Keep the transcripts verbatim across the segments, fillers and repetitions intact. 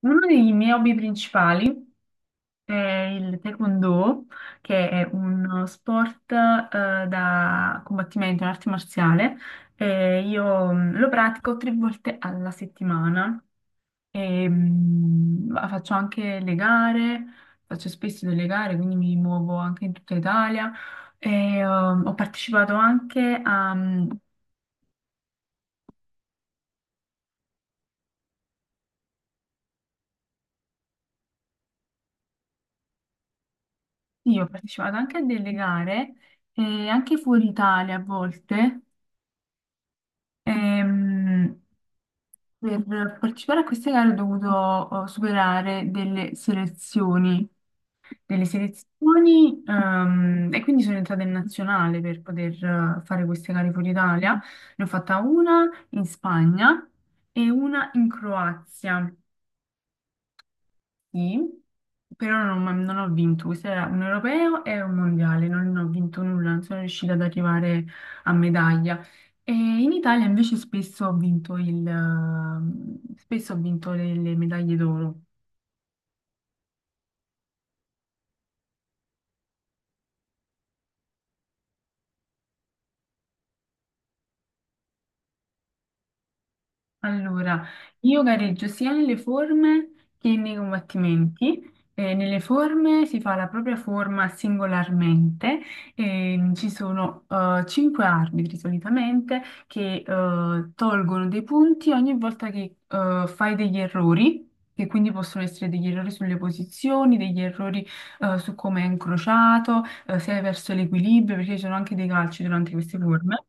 Uno dei miei hobby principali è il taekwondo, che è uno sport eh, da combattimento, un'arte marziale. E io mm, lo pratico tre volte alla settimana. E, mm, va- faccio anche le gare, faccio spesso delle gare, quindi mi muovo anche in tutta Italia. E, um, ho partecipato anche a, mm, sì, Ho partecipato anche a delle gare, eh, anche fuori Italia a volte. Ehm, per partecipare a queste gare ho dovuto eh, superare delle selezioni, delle selezioni ehm, e quindi sono entrata in nazionale per poter eh, fare queste gare fuori Italia. Ne ho fatta una in Spagna e una in Croazia. Sì, però non, non ho vinto, questo era un europeo e un mondiale, non ho vinto nulla, non sono riuscita ad arrivare a medaglia. E in Italia invece spesso ho vinto il, ehm, spesso ho vinto le, le medaglie d'oro. Allora, io gareggio sia nelle forme che nei combattimenti. Eh, nelle forme si fa la propria forma singolarmente, e ci sono eh, cinque arbitri solitamente che eh, tolgono dei punti ogni volta che eh, fai degli errori, che quindi possono essere degli errori sulle posizioni, degli errori eh, su come è incrociato, eh, se è verso l'equilibrio, perché ci sono anche dei calci durante queste forme.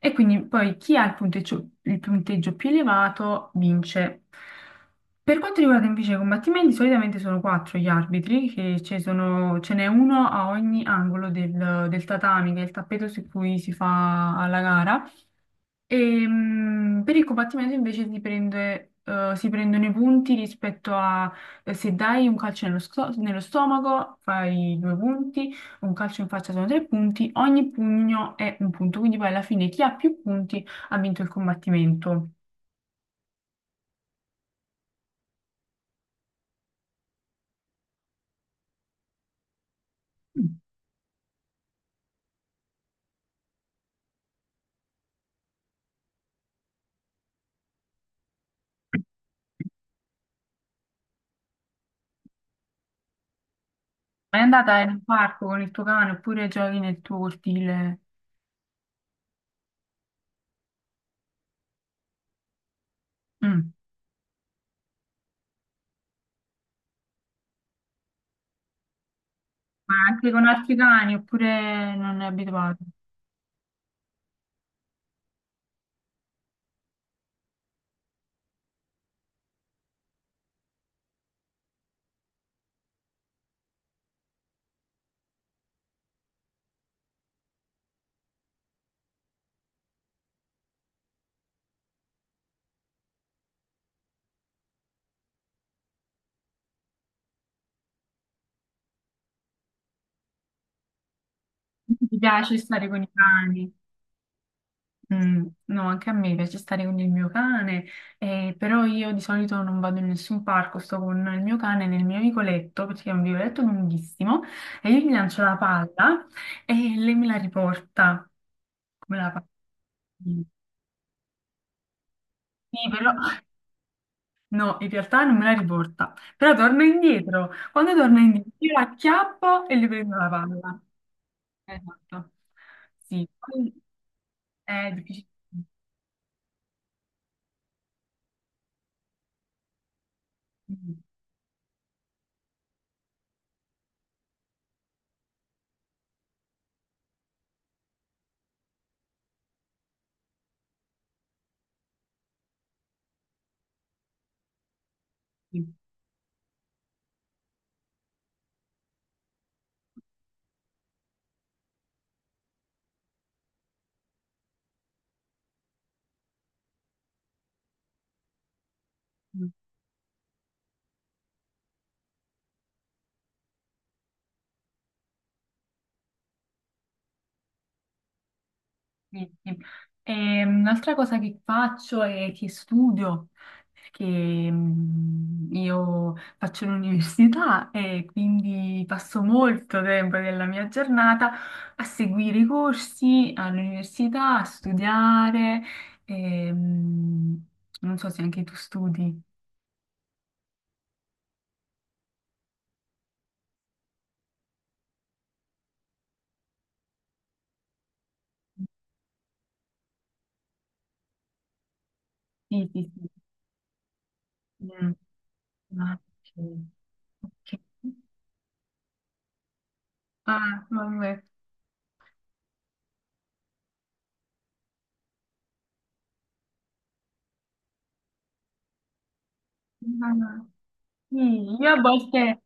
E quindi poi chi ha il punteggio, il punteggio più elevato vince. Per quanto riguarda invece i combattimenti, solitamente sono quattro gli arbitri, che ci sono- ce n'è uno a ogni angolo del, del tatami, che è il tappeto su cui si fa la gara. E, mh, per il combattimento invece si prende, eh, si prendono i punti rispetto a eh, se dai un calcio nello, sto- nello stomaco fai due punti, un calcio in faccia sono tre punti, ogni pugno è un punto, quindi poi alla fine chi ha più punti ha vinto il combattimento. Mm. È andata in un parco con il tuo cane oppure giochi nel tuo cortile? Mm. Ma anche con altri cani oppure non è abituato? Ti piace stare con i cani? Mm, no, anche a me piace stare con il mio cane, eh, però io di solito non vado in nessun parco, sto con il mio cane nel mio vicoletto, perché è un vicoletto lunghissimo, e io gli lancio la palla e lei me la riporta. Come la palla? Sì, però no, in realtà non me la riporta, però torna indietro. Quando torna indietro io la acchiappo e gli prendo la palla. Esatto. Sì, poi è difficile. Sì, sì. E, mm, Un'altra cosa che faccio è che studio, perché mm, io faccio l'università e quindi passo molto tempo della mia giornata a seguire i corsi all'università, a studiare. e, mm, Non so se anche tu studi. Sì, sì, sì. Mm, ma- Ok. Ok. Ah, vabbè. Ah, sì, io a volte...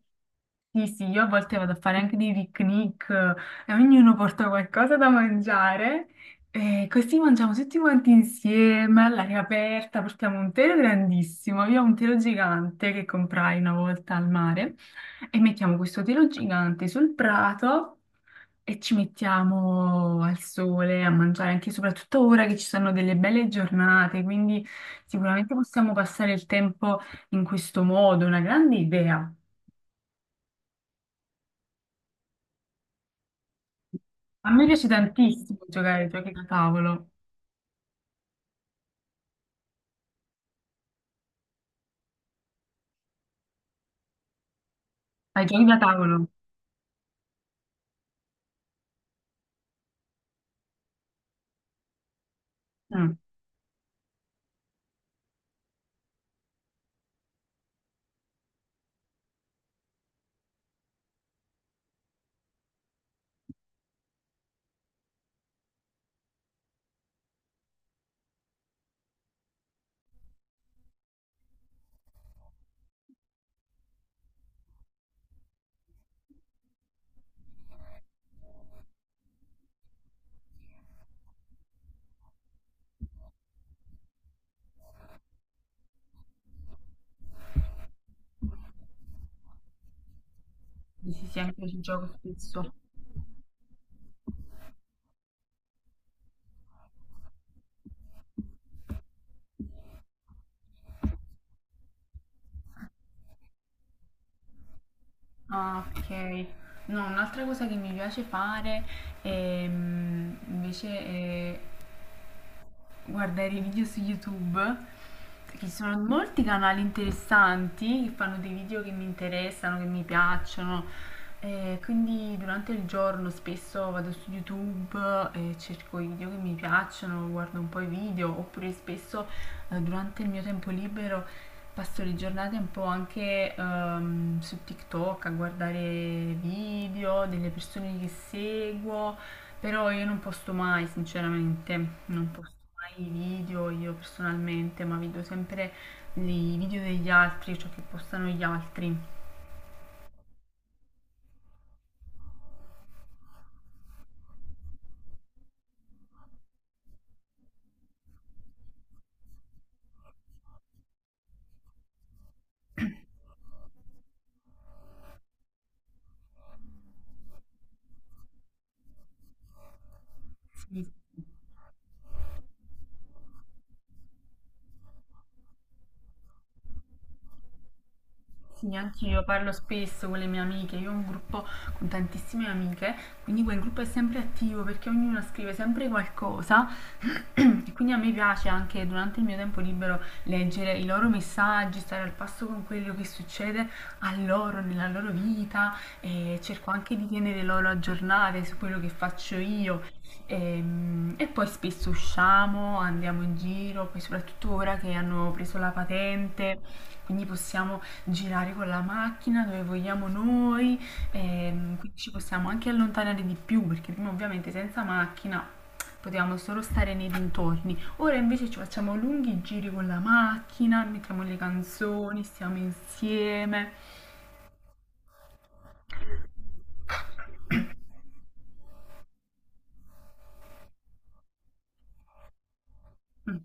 Sì, sì, io a volte vado a fare anche dei picnic eh, e ognuno porta qualcosa da mangiare e così mangiamo tutti quanti insieme all'aria aperta, portiamo un telo grandissimo, io ho un telo gigante che comprai una volta al mare e mettiamo questo telo gigante sul prato e ci mettiamo al sole a mangiare anche soprattutto ora che ci sono delle belle giornate, quindi sicuramente possiamo passare il tempo in questo modo, una grande idea. A me piace tantissimo giocare ai giochi da tavolo. Ai giochi da tavolo? Mm. Sì, sì, sì, anche io ci gioco spesso. Ah, ok. No, un'altra cosa che mi piace fare ehm, invece è guardare i video su YouTube, perché ci sono molti canali interessanti che fanno dei video che mi interessano, che mi piacciono. E quindi durante il giorno spesso vado su YouTube e cerco i video che mi piacciono, guardo un po' i video, oppure spesso eh, durante il mio tempo libero passo le giornate un po' anche ehm, su TikTok a guardare video delle persone che seguo, però io non posto mai, sinceramente, non posto mai i video io personalmente, ma vedo sempre i video degli altri, ciò che postano gli altri. Sì. Sì. Sì, anch'io parlo spesso con le mie amiche, io ho un gruppo con tantissime amiche, quindi quel gruppo è sempre attivo perché ognuna scrive sempre qualcosa e quindi a me piace anche durante il mio tempo libero leggere i loro messaggi, stare al passo con quello che succede a loro, nella loro vita e cerco anche di tenere loro aggiornate su quello che faccio io. Ehm, E, poi spesso usciamo, andiamo in giro, poi soprattutto ora che hanno preso la patente, quindi possiamo girare con la macchina dove vogliamo noi, ehm, quindi ci possiamo anche allontanare di più perché prima ovviamente senza macchina potevamo solo stare nei dintorni. Ora invece ci facciamo lunghi giri con la macchina, mettiamo le canzoni, stiamo insieme. Mm,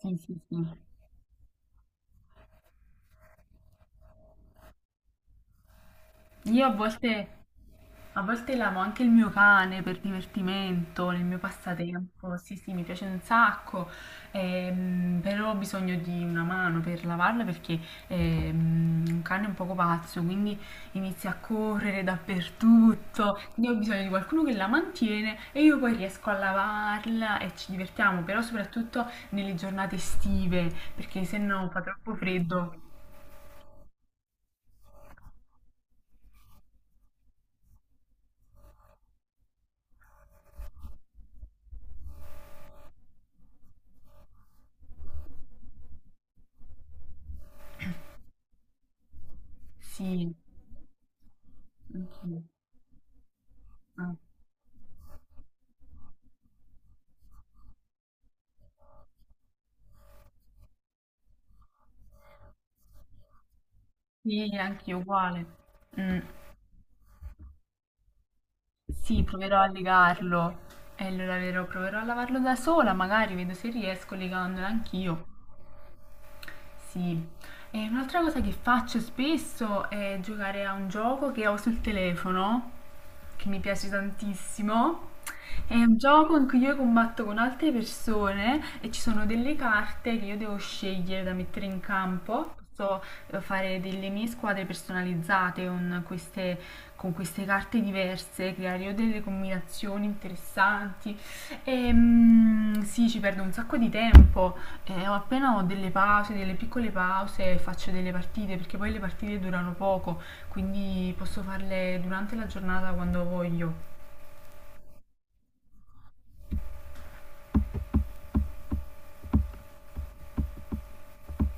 sì, sì, sì. Io a volte... A volte lavo anche il mio cane per divertimento, nel mio passatempo. Sì, sì, mi piace un sacco, ehm, però ho bisogno di una mano per lavarlo perché ehm, un cane è un poco pazzo, quindi inizia a correre dappertutto. Quindi ho bisogno di qualcuno che la mantiene e io poi riesco a lavarla e ci divertiamo, però soprattutto nelle giornate estive, perché se no fa troppo freddo. Sì, anch'io. Ah, sì, anch'io uguale. Mm. Sì, proverò a legarlo. E allora vero, proverò a lavarlo da sola, magari vedo se riesco legandolo anch'io. Sì. E un'altra cosa che faccio spesso è giocare a un gioco che ho sul telefono, che mi piace tantissimo. È un gioco in cui io combatto con altre persone e ci sono delle carte che io devo scegliere da mettere in campo. Posso eh, fare delle mie squadre personalizzate con queste con queste carte diverse, creare io delle combinazioni interessanti. E, mm, sì, ci perdo un sacco di tempo. Eh, ho appena ho delle pause, delle piccole pause, faccio delle partite perché poi le partite durano poco, quindi posso farle durante la giornata quando voglio.